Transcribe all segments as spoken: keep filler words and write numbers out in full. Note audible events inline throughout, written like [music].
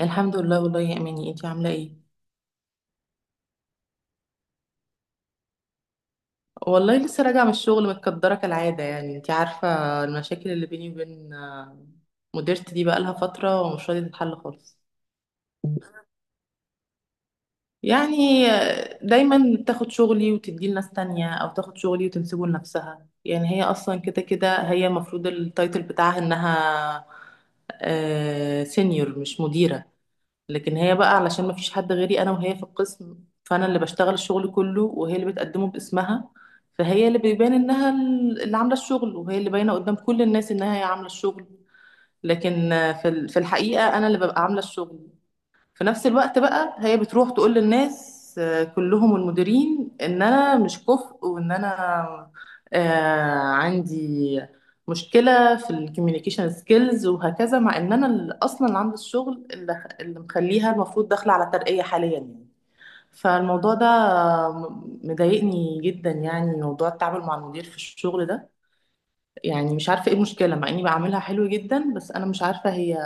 الحمد لله. والله يا اماني، انتي عامله ايه؟ والله لسه راجعه من الشغل، متكدره كالعاده، يعني انتي عارفه. المشاكل اللي بيني وبين آه، مديرتي دي بقالها فتره ومش راضيه تتحل خالص. يعني آه، دايما بتاخد شغلي وتديه لناس تانية، او تاخد شغلي وتنسبه لنفسها. يعني هي اصلا كده كده، هي المفروض التايتل بتاعها انها سينيور مش مديره، لكن هي بقى علشان ما فيش حد غيري انا وهي في القسم، فانا اللي بشتغل الشغل كله وهي اللي بتقدمه باسمها. فهي اللي بيبان انها ال- اللي عامله الشغل، وهي اللي باينه قدام كل الناس انها هي عامله الشغل. لكن آه، في ال- في الحقيقه انا اللي ببقى عامله الشغل. في نفس الوقت بقى هي بتروح تقول للناس، آه، كلهم المديرين، ان انا مش كفء، وان انا آه، عندي مشكلة في الكوميونيكيشن سكيلز وهكذا، مع ان انا اللي اصلا اللي عامله الشغل، اللي اللي مخليها المفروض داخلة على ترقية حاليا يعني. فالموضوع ده م- مضايقني جدا، يعني موضوع التعامل مع المدير في الشغل ده. يعني مش عارفة ايه المشكلة، مع اني بعملها حلو جدا، بس انا مش عارفة هي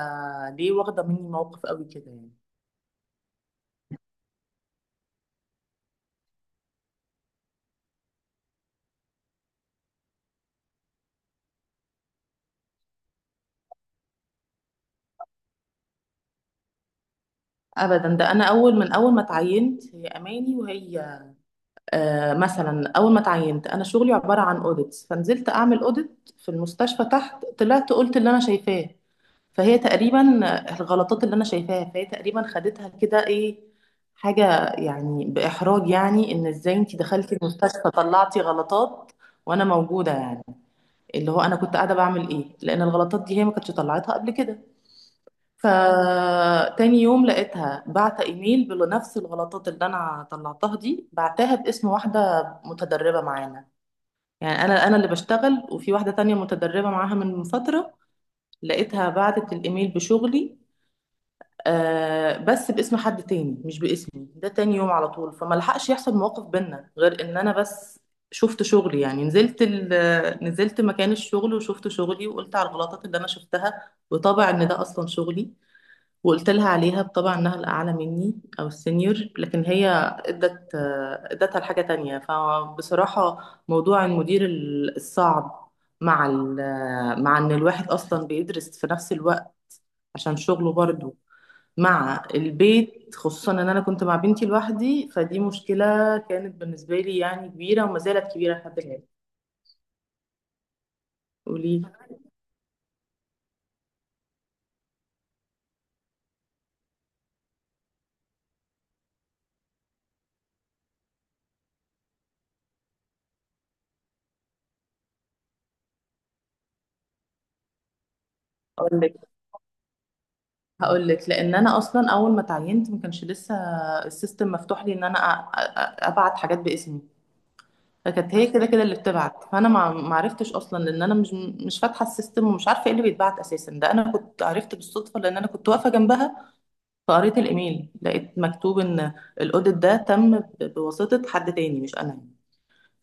ليه واخدة مني موقف قوي كده يعني. ابدا، ده انا اول، من اول ما اتعينت هي اماني وهي. آه مثلا، اول ما اتعينت انا شغلي عباره عن اوديتس، فنزلت اعمل اوديت في المستشفى تحت، طلعت قلت اللي انا شايفاه. فهي تقريبا آه، الغلطات اللي انا شايفاها، فهي تقريبا خدتها كده ايه، حاجه يعني باحراج، يعني ان ازاي انت دخلتي المستشفى طلعتي غلطات وانا موجوده يعني، اللي هو انا كنت قاعده بعمل ايه؟ لان الغلطات دي هي ما كانتش طلعتها قبل كده. فتاني يوم لقيتها بعت ايميل بنفس الغلطات اللي انا طلعتها دي، بعتها باسم واحده متدربه معانا. يعني انا انا اللي بشتغل، وفي واحده تانية متدربه معاها من فتره، لقيتها بعتت الايميل بشغلي، آه بس باسم حد تاني مش باسمي. ده تاني يوم على طول، فما لحقش يحصل مواقف بينا، غير ان انا بس شفت شغلي، يعني نزلت ال- نزلت مكان الشغل، وشفت شغلي وقلت على الغلطات اللي انا شفتها، وطبع ان ده اصلا شغلي. وقلت لها عليها، بطبع انها الاعلى مني او السينيور، لكن هي ادت ادتها لحاجه تانية. فبصراحه موضوع المدير الصعب، مع ال- مع ان الواحد اصلا بيدرس في نفس الوقت عشان شغله برضه، مع البيت، خصوصا ان انا كنت مع بنتي لوحدي، فدي مشكله كانت بالنسبه لي يعني كبيره، وما زالت كبيره لحد الان. قولي. اقول لك هقول لك، لان انا اصلا اول ما اتعينت ما كانش لسه السيستم مفتوح لي ان انا أ- أ- ابعت حاجات باسمي، فكانت هي كده كده اللي بتبعت، فانا ما ما عرفتش اصلا، لان انا مش مش فاتحه السيستم ومش عارفه ايه اللي بيتبعت اساسا. ده انا كنت عرفت بالصدفه، لان انا كنت واقفه جنبها، فقريت الايميل لقيت مكتوب ان الاوديت ده تم ب- بواسطه حد تاني مش انا.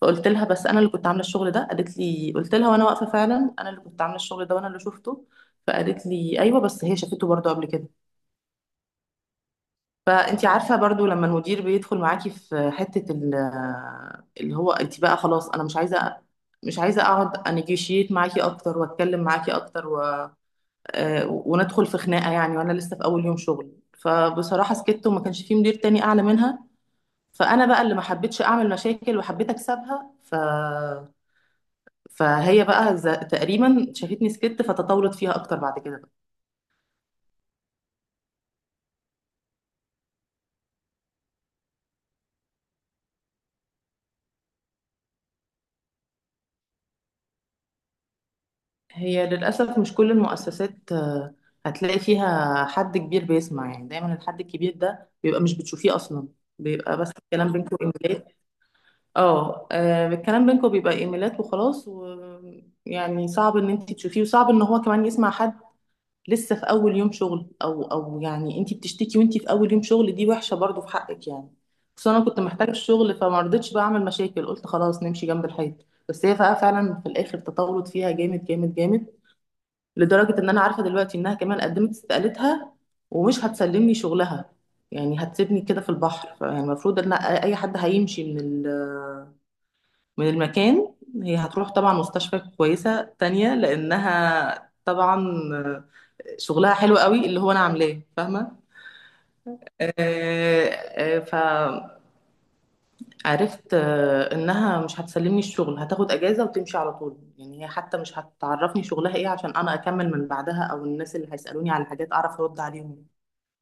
فقلت لها بس انا اللي كنت عامله الشغل ده، قالت لي، قلت لها وانا واقفه، فعلا انا اللي كنت عامله الشغل ده وانا اللي شفته، فقالت لي ايوه، بس هي شافته برضه قبل كده. فانت عارفه برضو لما المدير بيدخل معاكي في حته ال- اللي هو، انت بقى خلاص انا مش عايزه مش عايزه اقعد انيجوشيت معاكي اكتر واتكلم معاكي اكتر و... آه، وندخل في خناقه يعني، وانا لسه في اول يوم شغل. فبصراحه سكت، وما كانش في مدير تاني اعلى منها، فانا بقى اللي ما حبيتش اعمل مشاكل وحبيت اكسبها. ف... فهي بقى ز- تقريبا شافتني سكت فتطورت فيها اكتر بعد كده. هي للأسف مش كل المؤسسات آه، هتلاقي فيها حد كبير بيسمع، يعني دايما الحد الكبير ده بيبقى مش بتشوفيه أصلا. بيبقى بس الكلام بينكم إيميلات. اه آه، الكلام بينكم بيبقى إيميلات وخلاص، ويعني صعب إن أنت تشوفيه، وصعب إن هو كمان يسمع حد لسه في أول يوم شغل. أو أو يعني أنت بتشتكي وأنت في أول يوم شغل، دي وحشة برضو في حقك يعني. بس أنا كنت محتاجة الشغل، فما رضيتش بقى أعمل مشاكل، قلت خلاص نمشي جنب الحيط. بس هي بقى فعلا في الآخر تطورت فيها جامد جامد جامد، لدرجة إن أنا عارفة دلوقتي إنها كمان قدمت استقالتها ومش هتسلمني شغلها، يعني هتسيبني كده في البحر. يعني المفروض إن أي حد هيمشي من ال- من المكان. هي هتروح طبعا مستشفى كويسة تانية، لأنها طبعا شغلها حلو قوي اللي هو أنا عاملاه، فاهمة؟ آه، آه، عرفت آه، انها مش هتسلمني الشغل، هتاخد اجازه وتمشي على طول، يعني هي حتى مش هتعرفني شغلها ايه عشان انا اكمل من بعدها، او الناس اللي هيسالوني على حاجات اعرف ارد عليهم.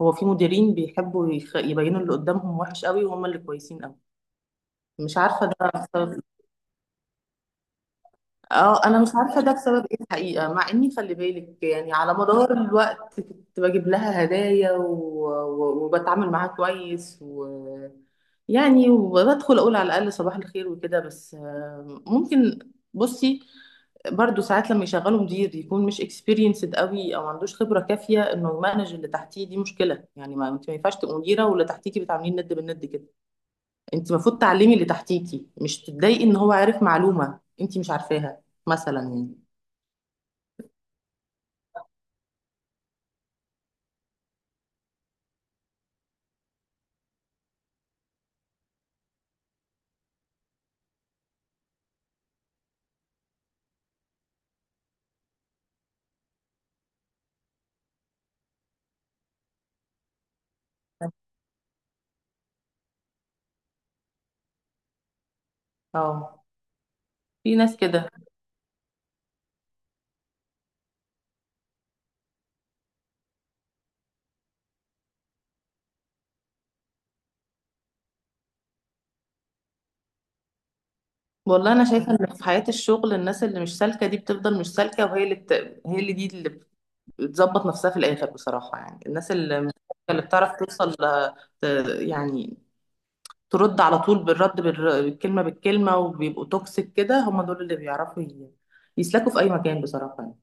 هو في مديرين بيحبوا يخ- يبينوا اللي قدامهم وحش قوي وهم اللي كويسين قوي. مش عارفه ده. اه، انا مش عارفه ده بسبب ايه الحقيقه، مع اني خلي بالك يعني على مدار الوقت كنت بجيب لها هدايا و... و... وبتعامل معاها كويس و... يعني وبدخل اقول على الاقل صباح الخير وكده، بس آه، ممكن. بصي، برضو ساعات لما يشغلوا مدير يكون مش اكسبيرينسد قوي، او ما عندوش خبره كافيه انه يمانج اللي تحتيه، دي مشكله يعني. ما انت ما ينفعش تبقى مديره واللي تحتيكي بتعاملين ند بالند كده. انت المفروض تعلمي اللي تحتيكي، مش تتضايقي ان هو عارف معلومة انت مش عارفاها مثلا يعني. اه، في ناس كده. والله انا شايفة ان في حياة الشغل، الناس اللي مش سالكة دي بتفضل مش سالكة، وهي اللي بت... هي اللي دي اللي بتظبط نفسها في الاخر بصراحة. يعني الناس اللي مش سالكة اللي بتعرف توصل ل- ت- يعني ترد على طول بالرد بالر... بالكلمة بالكلمة، وبيبقوا توكسيك كده، هم دول اللي بيعرفوا ي- يسلكوا في اي مكان بصراحة يعني.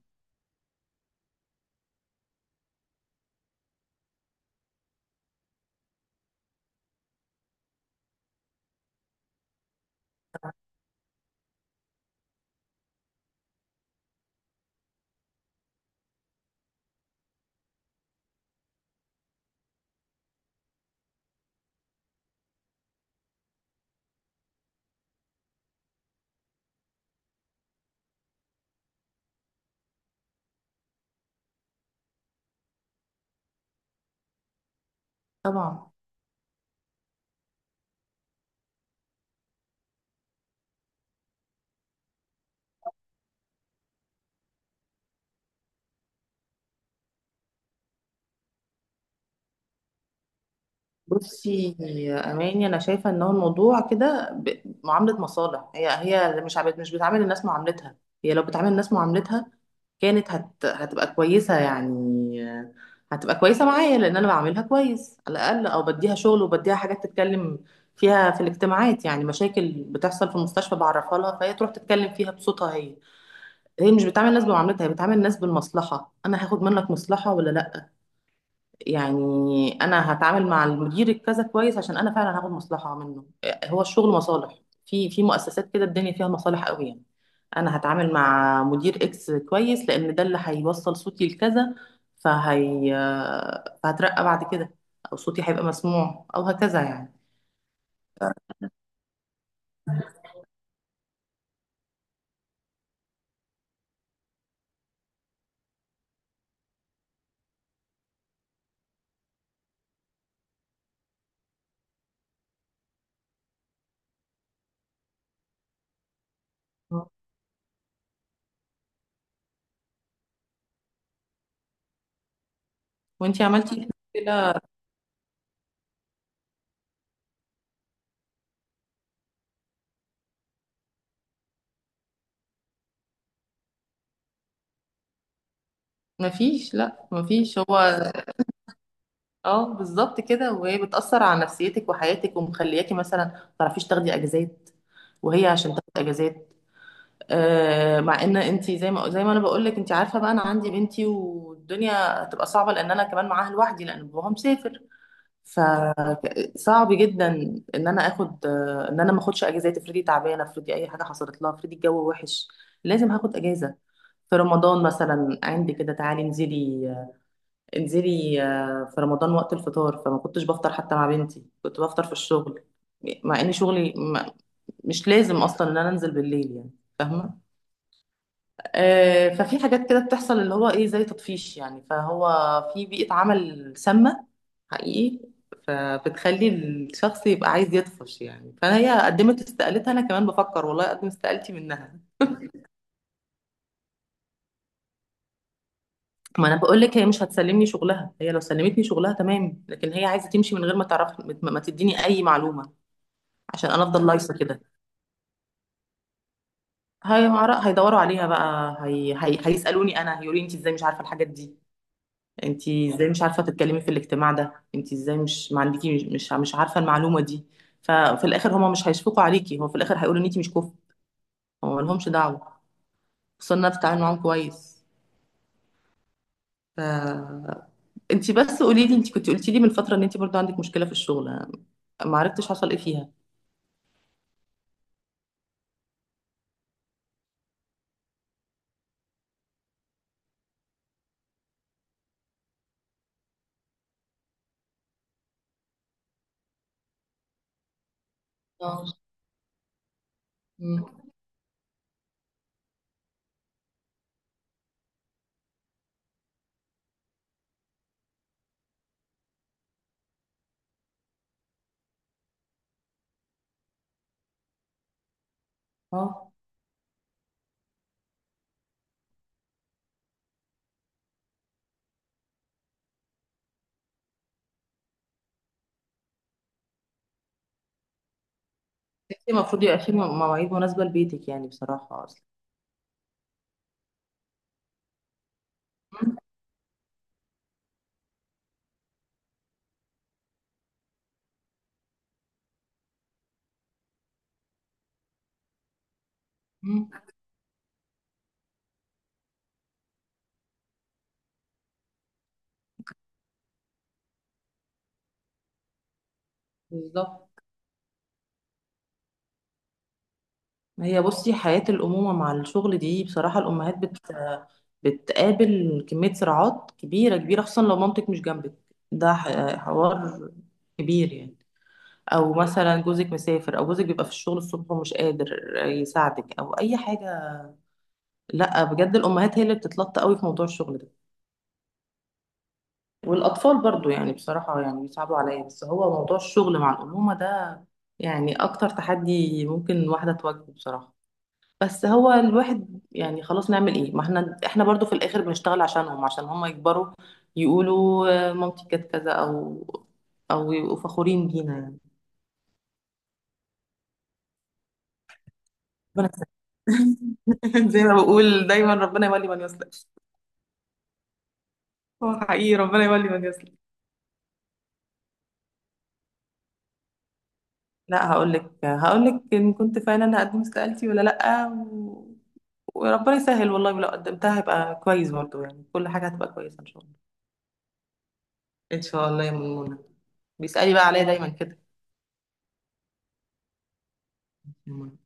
طبعا. بصي يا اماني، انا شايفه ان هو الموضوع كده ب- معامله مصالح. هي هي اللي مش عبت مش بتعامل الناس معاملتها. هي لو بتعامل الناس معاملتها كانت هت هتبقى كويسه يعني. آه، هتبقى كويسه معايا، لان انا بعاملها كويس على الاقل، او بديها شغل وبديها حاجات تتكلم فيها في الاجتماعات، يعني مشاكل بتحصل في المستشفى بعرفها لها، فهي تروح تتكلم فيها بصوتها هي. هي مش بتعامل الناس بمعاملتها، هي بتعامل الناس بالمصلحه. انا هاخد منك مصلحه ولا لا؟ يعني انا هتعامل مع المدير الكذا كويس عشان انا فعلا هاخد مصلحه منه. هو الشغل مصالح، في في مؤسسات كده الدنيا فيها مصالح قوي يعني. انا هتعامل مع مدير اكس كويس لان ده اللي هيوصل صوتي لكذا، فهي فهترقى بعد كده، او صوتي هيبقى مسموع او هكذا يعني. وانتي عملتي كده. مفيش، لا مفيش. هو اه، بالظبط كده، وهي بتأثر على نفسيتك وحياتك ومخلياكي مثلا ما تعرفيش تاخدي اجازات، وهي عشان تاخد اجازات. آه، مع ان انت، زي ما زي ما انا بقول لك، انت عارفه بقى، انا عندي بنتي والدنيا هتبقى صعبه، لان انا كمان معاها لوحدي، لان باباها مسافر. فصعب جدا ان انا اخد، آه، ان انا ما اخدش اجازات. افرضي تعبانه، افرضي اي حاجه حصلت لها، افرضي الجو وحش، لازم هاخد اجازه. في رمضان مثلا عندي كده، تعالي انزلي آه، انزلي آه، في رمضان وقت الفطار، فما كنتش بفطر حتى مع بنتي، كنت بفطر في الشغل، مع ان شغلي ما- مش لازم اصلا ان انا انزل بالليل يعني، فاهمه؟ آه، ففي حاجات كده بتحصل، اللي هو ايه، زي تطفيش يعني. فهو في بيئة عمل سامة حقيقي، فبتخلي الشخص يبقى عايز يطفش يعني. فهي قدمت استقالتها، انا كمان بفكر والله اقدم استقالتي منها. ما انا بقول لك، هي مش هتسلمني شغلها. هي لو سلمتني شغلها تمام، لكن هي عايزة تمشي من غير ما تعرف، ما ما تديني اي معلومة، عشان انا افضل لايصة كده. هي هيدوروا عليها بقى، هي... هي... هيسألوني انا، هيقولوا لي انت ازاي مش عارفة الحاجات دي، انتي ازاي مش عارفه تتكلمي في الاجتماع ده، انتي ازاي مش ما عندكي، مش مش مش عارفه المعلومه دي. ففي الاخر هما مش هيشفقوا عليكي، هو في الاخر هيقولوا ان انتي مش كفء. هو ما لهمش دعوه، خصوصا إن انا بتعامل معاهم كويس. ف انتي بس قولي لي، انتي كنت قلتي لي من فتره ان انتي برضو عندك مشكله في الشغل، ما عرفتش حصل ايه فيها. اه. مم. اه، انتي المفروض يبقى في مواعيد مناسبه لبيتك يعني بصراحه اصلا. مم. مم. بالظبط. ما هي بصي، حياه الامومه مع الشغل دي بصراحه، الامهات بت بتقابل كمية صراعات كبيرة كبيرة، خصوصا لو مامتك مش جنبك، ده ح- حوار كبير يعني. أو مثلا جوزك مسافر، أو جوزك بيبقى في الشغل الصبح ومش قادر يساعدك أو أي حاجة. لأ، بجد الأمهات هي اللي بتتلطى قوي في موضوع الشغل ده، والأطفال برضو يعني بصراحة يعني بيصعبوا عليا. بس هو موضوع الشغل مع الأمومة ده يعني أكتر تحدي ممكن واحدة تواجهه بصراحة. بس هو الواحد يعني خلاص، نعمل ايه، ما احنا احنا برضو في الاخر بنشتغل عشانهم، عشان هم يكبروا يقولوا آه، مامتي كانت كذا، او او يبقوا فخورين بينا يعني. ربنا يسلمك. [laughs] زي ما بقول دايما، ربنا يولي من يصلح. هو حقيقي، ربنا يولي من يصلح. لا، هقول لك هقول لك ان كنت فعلا هقدم استقالتي ولا لا و... وربنا يسهل والله، ولو قدمتها هيبقى كويس برضو يعني، كل حاجة هتبقى كويسة ان شاء الله. ان شاء الله يا منى. بيسألي بقى عليا دايما كده.